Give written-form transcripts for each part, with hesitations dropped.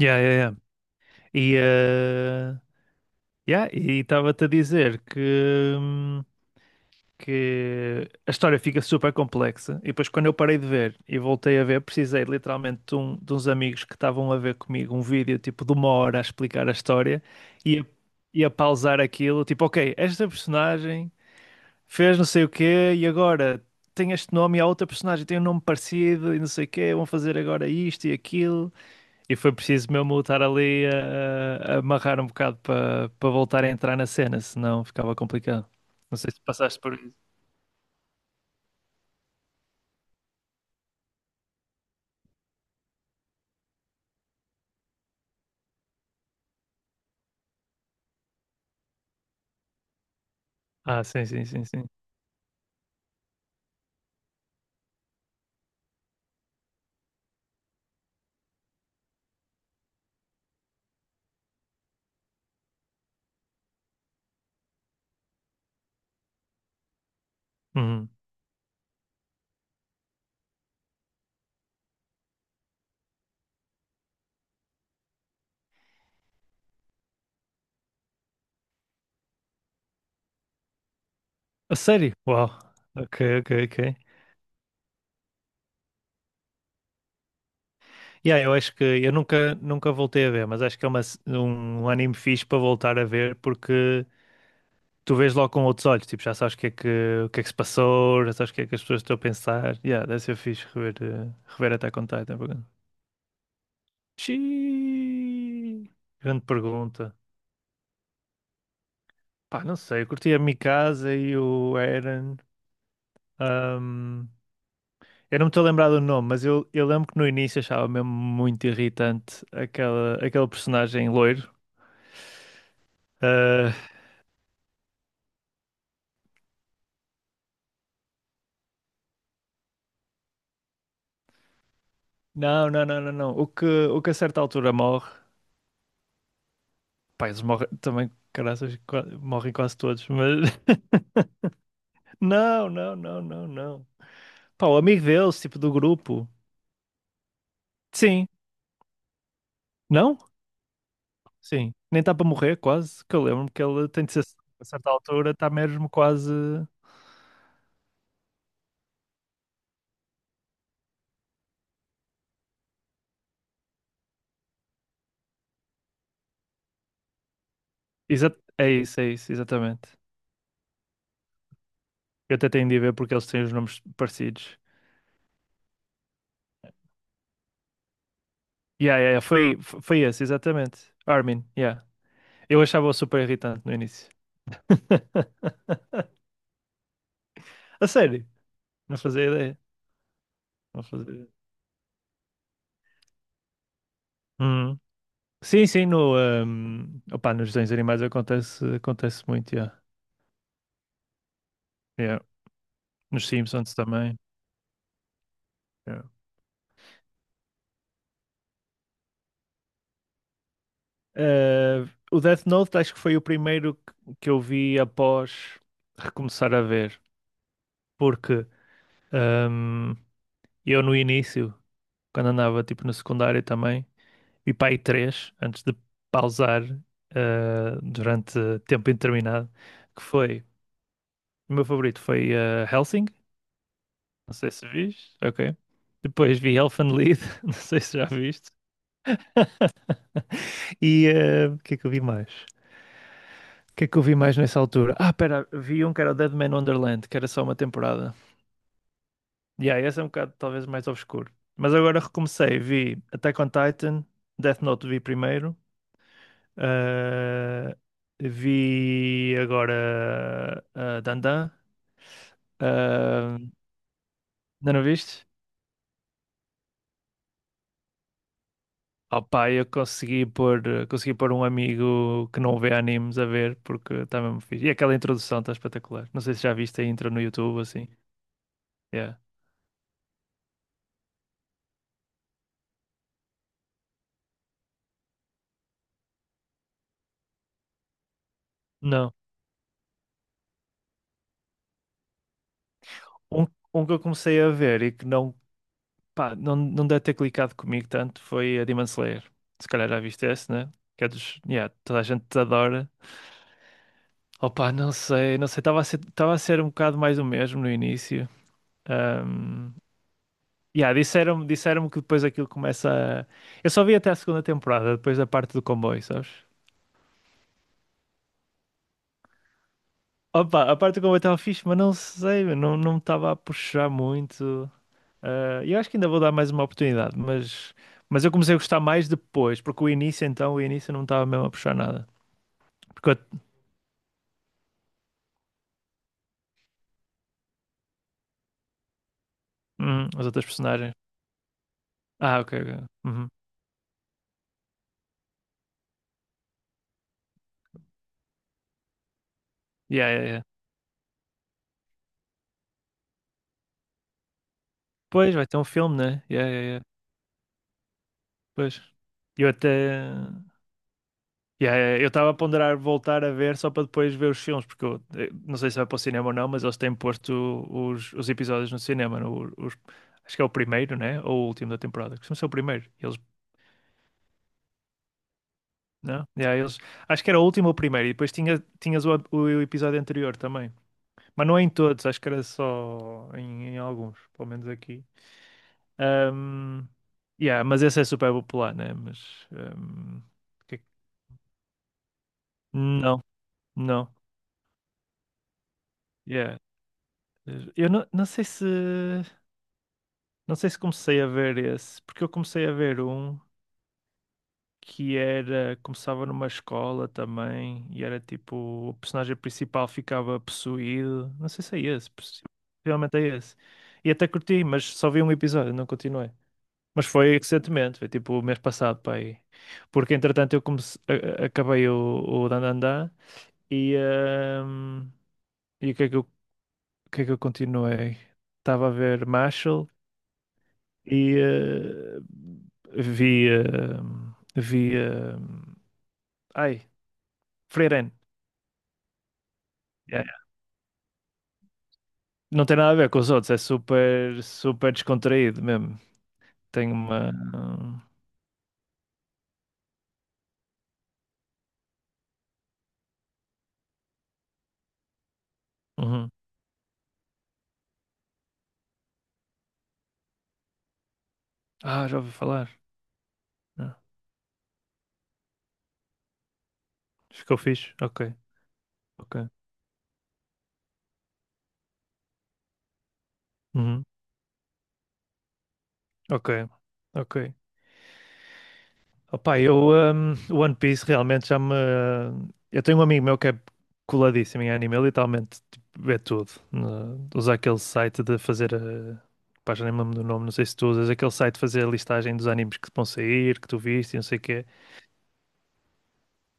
Yeah, yeah, yeah. E yeah, e estava-te a dizer hum, que a história fica super complexa. E depois, quando eu parei de ver e voltei a ver, precisei literalmente de uns amigos que estavam a ver comigo um vídeo tipo de 1 hora a explicar a história e a, e a pausar aquilo. Tipo, ok, esta personagem fez não sei o quê e agora tem este nome e a outra personagem tem um nome parecido e não sei o quê. Vão fazer agora isto e aquilo. E foi preciso mesmo eu estar ali a amarrar um bocado para voltar a entrar na cena, senão ficava complicado. Não sei se passaste por isso. Ah, sim, sim, sim, sim. Uhum. A sério? Uau. Ok, ok, ok. Yeah, eu acho que eu nunca voltei a ver, mas acho que é um anime fixe para voltar a ver porque tu vês logo com outros olhos, tipo, já sabes o que é o que é que se passou, já sabes o que é que as pessoas estão a pensar. Yeah, deve ser fixe rever, rever Attack on Titan por acaso. Xiii. Grande pergunta. Pá, não sei, eu curti a Mikasa e o Eren. ahm, eu não me estou a lembrar do nome, mas eu lembro que no início achava mesmo muito irritante aquele personagem loiro. Ah, não, não, não, não, não. O que a certa altura morre. Pá, eles morrem também, caraças, morrem quase todos, mas. Não, não, não, não, não. Pá, o amigo deles, tipo do grupo. Sim, não? Sim. Nem está para morrer, quase. Que eu lembro que ele tem de ser. A certa altura está mesmo quase. É isso, é isso, exatamente. Eu até tenho de ir ver porque eles têm os nomes parecidos. Yeah, yeah, yeah, foi esse, exatamente. Armin, yeah. Eu achava-o super irritante no início. A sério, não fazia ideia. Não fazia ideia. Uhum. Sim, sim, no, um, opá, nos desenhos animais acontece muito, yeah. Yeah. Nos Simpsons também. Yeah. Eh, o Death Note acho que foi o primeiro que eu vi após recomeçar a ver, porque um, eu no início quando andava tipo no secundário também. Vi para aí três antes de pausar durante tempo indeterminado. Que foi, o meu favorito foi Helsing, não sei se viste, ok. Depois vi Elfenlied, não sei se já viste. E o que é que eu vi mais? O que é que eu vi mais nessa altura? Ah, pera, vi um que era o Dead Man Wonderland, que era só uma temporada. E yeah, esse é um bocado talvez mais obscuro. Mas agora recomecei, vi Attack on Titan, Death Note vi primeiro. Ah, vi agora Dandan. Ah, ainda não viste? Oh, pá, consegui pôr um amigo que não vê animes a ver porque está mesmo fixe. E aquela introdução está espetacular. Não sei se já viste a intro no YouTube assim. Yeah. Não. Um, um que eu comecei a ver e que não, pá, não, não deve ter clicado comigo tanto foi a Demon Slayer. Se calhar já viste esse, né? Que é dos. Yeah, toda a gente te adora. Opa, não sei, não sei, estava a ser um bocado mais o mesmo no início. Ahm, yeah, disseram-me, disseram-me que depois aquilo começa a... Eu só vi até a segunda temporada, depois da parte do comboio, sabes? Opa, a parte do comboio estava fixe, mas não sei, meu, não, não me estava a puxar muito. Ah, eu acho que ainda vou dar mais uma oportunidade, mas eu comecei a gostar mais depois, porque o início então, o início não me estava mesmo a puxar nada. Porque eu- as outras personagens... Ah, ok, ok. Uhum. Yeah, yeah, yeah. Pois, vai ter um filme, né? Yeah, yeah, yeah. Pois. Eu até. Yeah, eu estava a ponderar voltar a ver só para depois ver os filmes, porque eu não sei se vai para o cinema ou não, mas eles têm posto os episódios no cinema. Acho que é o primeiro, né? Ou o último da temporada. Costuma ser o primeiro. Não? Yeah, eles, acho que era o último ou o primeiro, e depois tinhas o episódio anterior também. Mas não é em todos, acho que era só em alguns, pelo menos aqui. Ahm, yeah, mas esse é super popular, né? Mas. Que- não, não. Yeah. Eu não sei se comecei a ver esse, porque eu comecei a ver um que era começava numa escola também e era tipo o personagem principal ficava possuído. Não sei se é esse, possivelmente é esse. E até curti, mas só vi um episódio, não continuei. Mas foi recentemente, foi tipo o mês passado para aí. Porque entretanto eu acabei o Dandadan e, e o que é que eu, o que é que eu continuei? Estava a ver Marshall. E vi. eh, vi. eh, ai, Freiren. Yeah, yeah. Não tem nada a ver com os outros, é super, super descontraído mesmo. Tem uma. Uhum. Ah, já ouvi falar. Ah, ficou fixe? Ok, ok. Uhum. Ok, ok. Opa, o One Piece realmente já me. Eu tenho um amigo meu que é coladíssimo em anime, ele literalmente tipo, vê tudo, né? Usa aquele site de fazer. A... Pá, já nem me lembro do nome, não sei se tu usas aquele site de fazer a listagem dos animes que vão sair, que tu viste e não sei o quê.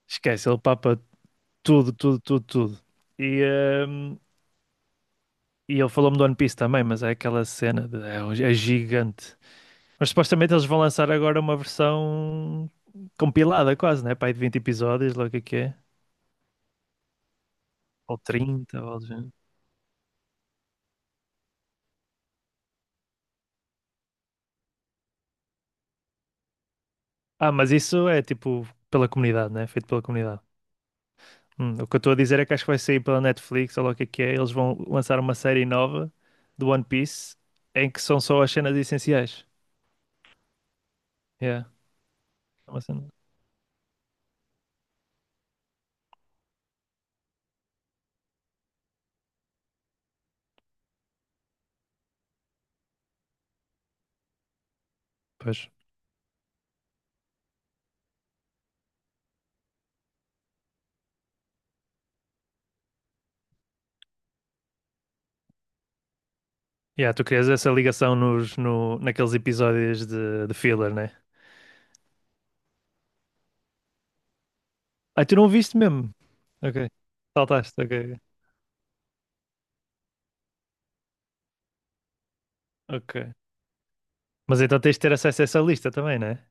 Esquece, ele papa tudo, tudo, tudo, tudo. E, hum, e ele falou-me do One Piece também, mas é aquela cena de. É gigante. Mas supostamente eles vão lançar agora uma versão compilada quase, né? Pá, aí de 20 episódios, logo o que é. Que é. Ou 30, ou algo do género. Ah, mas isso é tipo pela comunidade, né? Feito pela comunidade. O que eu estou a dizer é que acho que vai sair pela Netflix, ou lá o que é que é. Eles vão lançar uma série nova do One Piece em que são só as cenas essenciais. Yeah. É uma cena. Pois. Yeah, tu crias essa ligação nos, no, naqueles episódios de filler, né? Ah, tu não viste mesmo? Ok. Saltaste, ok. Ok. Mas então tens de ter acesso a essa lista também, né?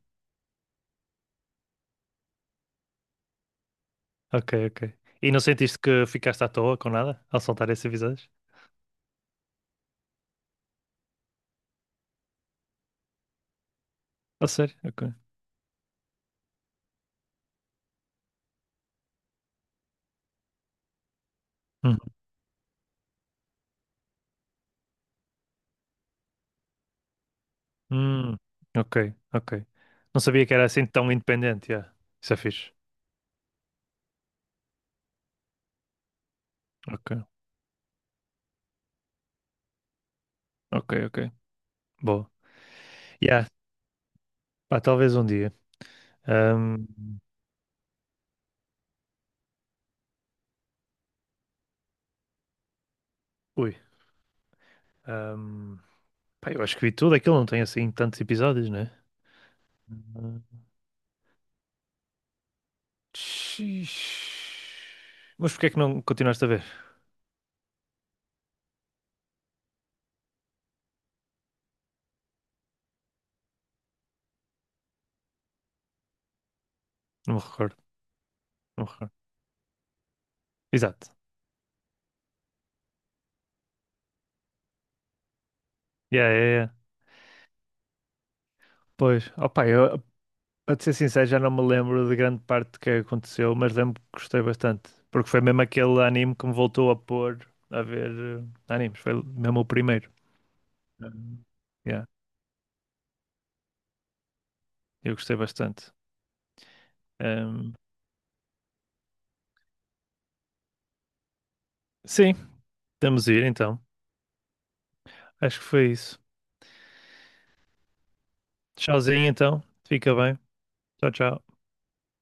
Ok, ok. E não sentiste que ficaste à toa com nada ao saltar esses episódios? A sério? Ok. Uhum. Hum, ok, ok. Não sabia que era assim tão independente, yeah. Isso é fixe. Ok, ok, ok. Boa. Yeah, pá, talvez um dia. Ahm, ui. ahm, pá, eu acho que vi tudo aquilo, não tem assim tantos episódios, né? Hum, xiii. Mas porquê é que não continuaste a ver? Não me recordo, não me recordo. Exato. Yeah, yeah, yeah. Pois, opá, para te ser sincero, já não me lembro de grande parte do que aconteceu, mas lembro que gostei bastante. Porque foi mesmo aquele anime que me voltou a pôr a ver animes. Foi mesmo o primeiro. Hum. Yeah, eu gostei bastante. Hum, sim, podemos ir então. Acho que foi isso. Tchauzinho então. Fica bem. Tchau, tchau.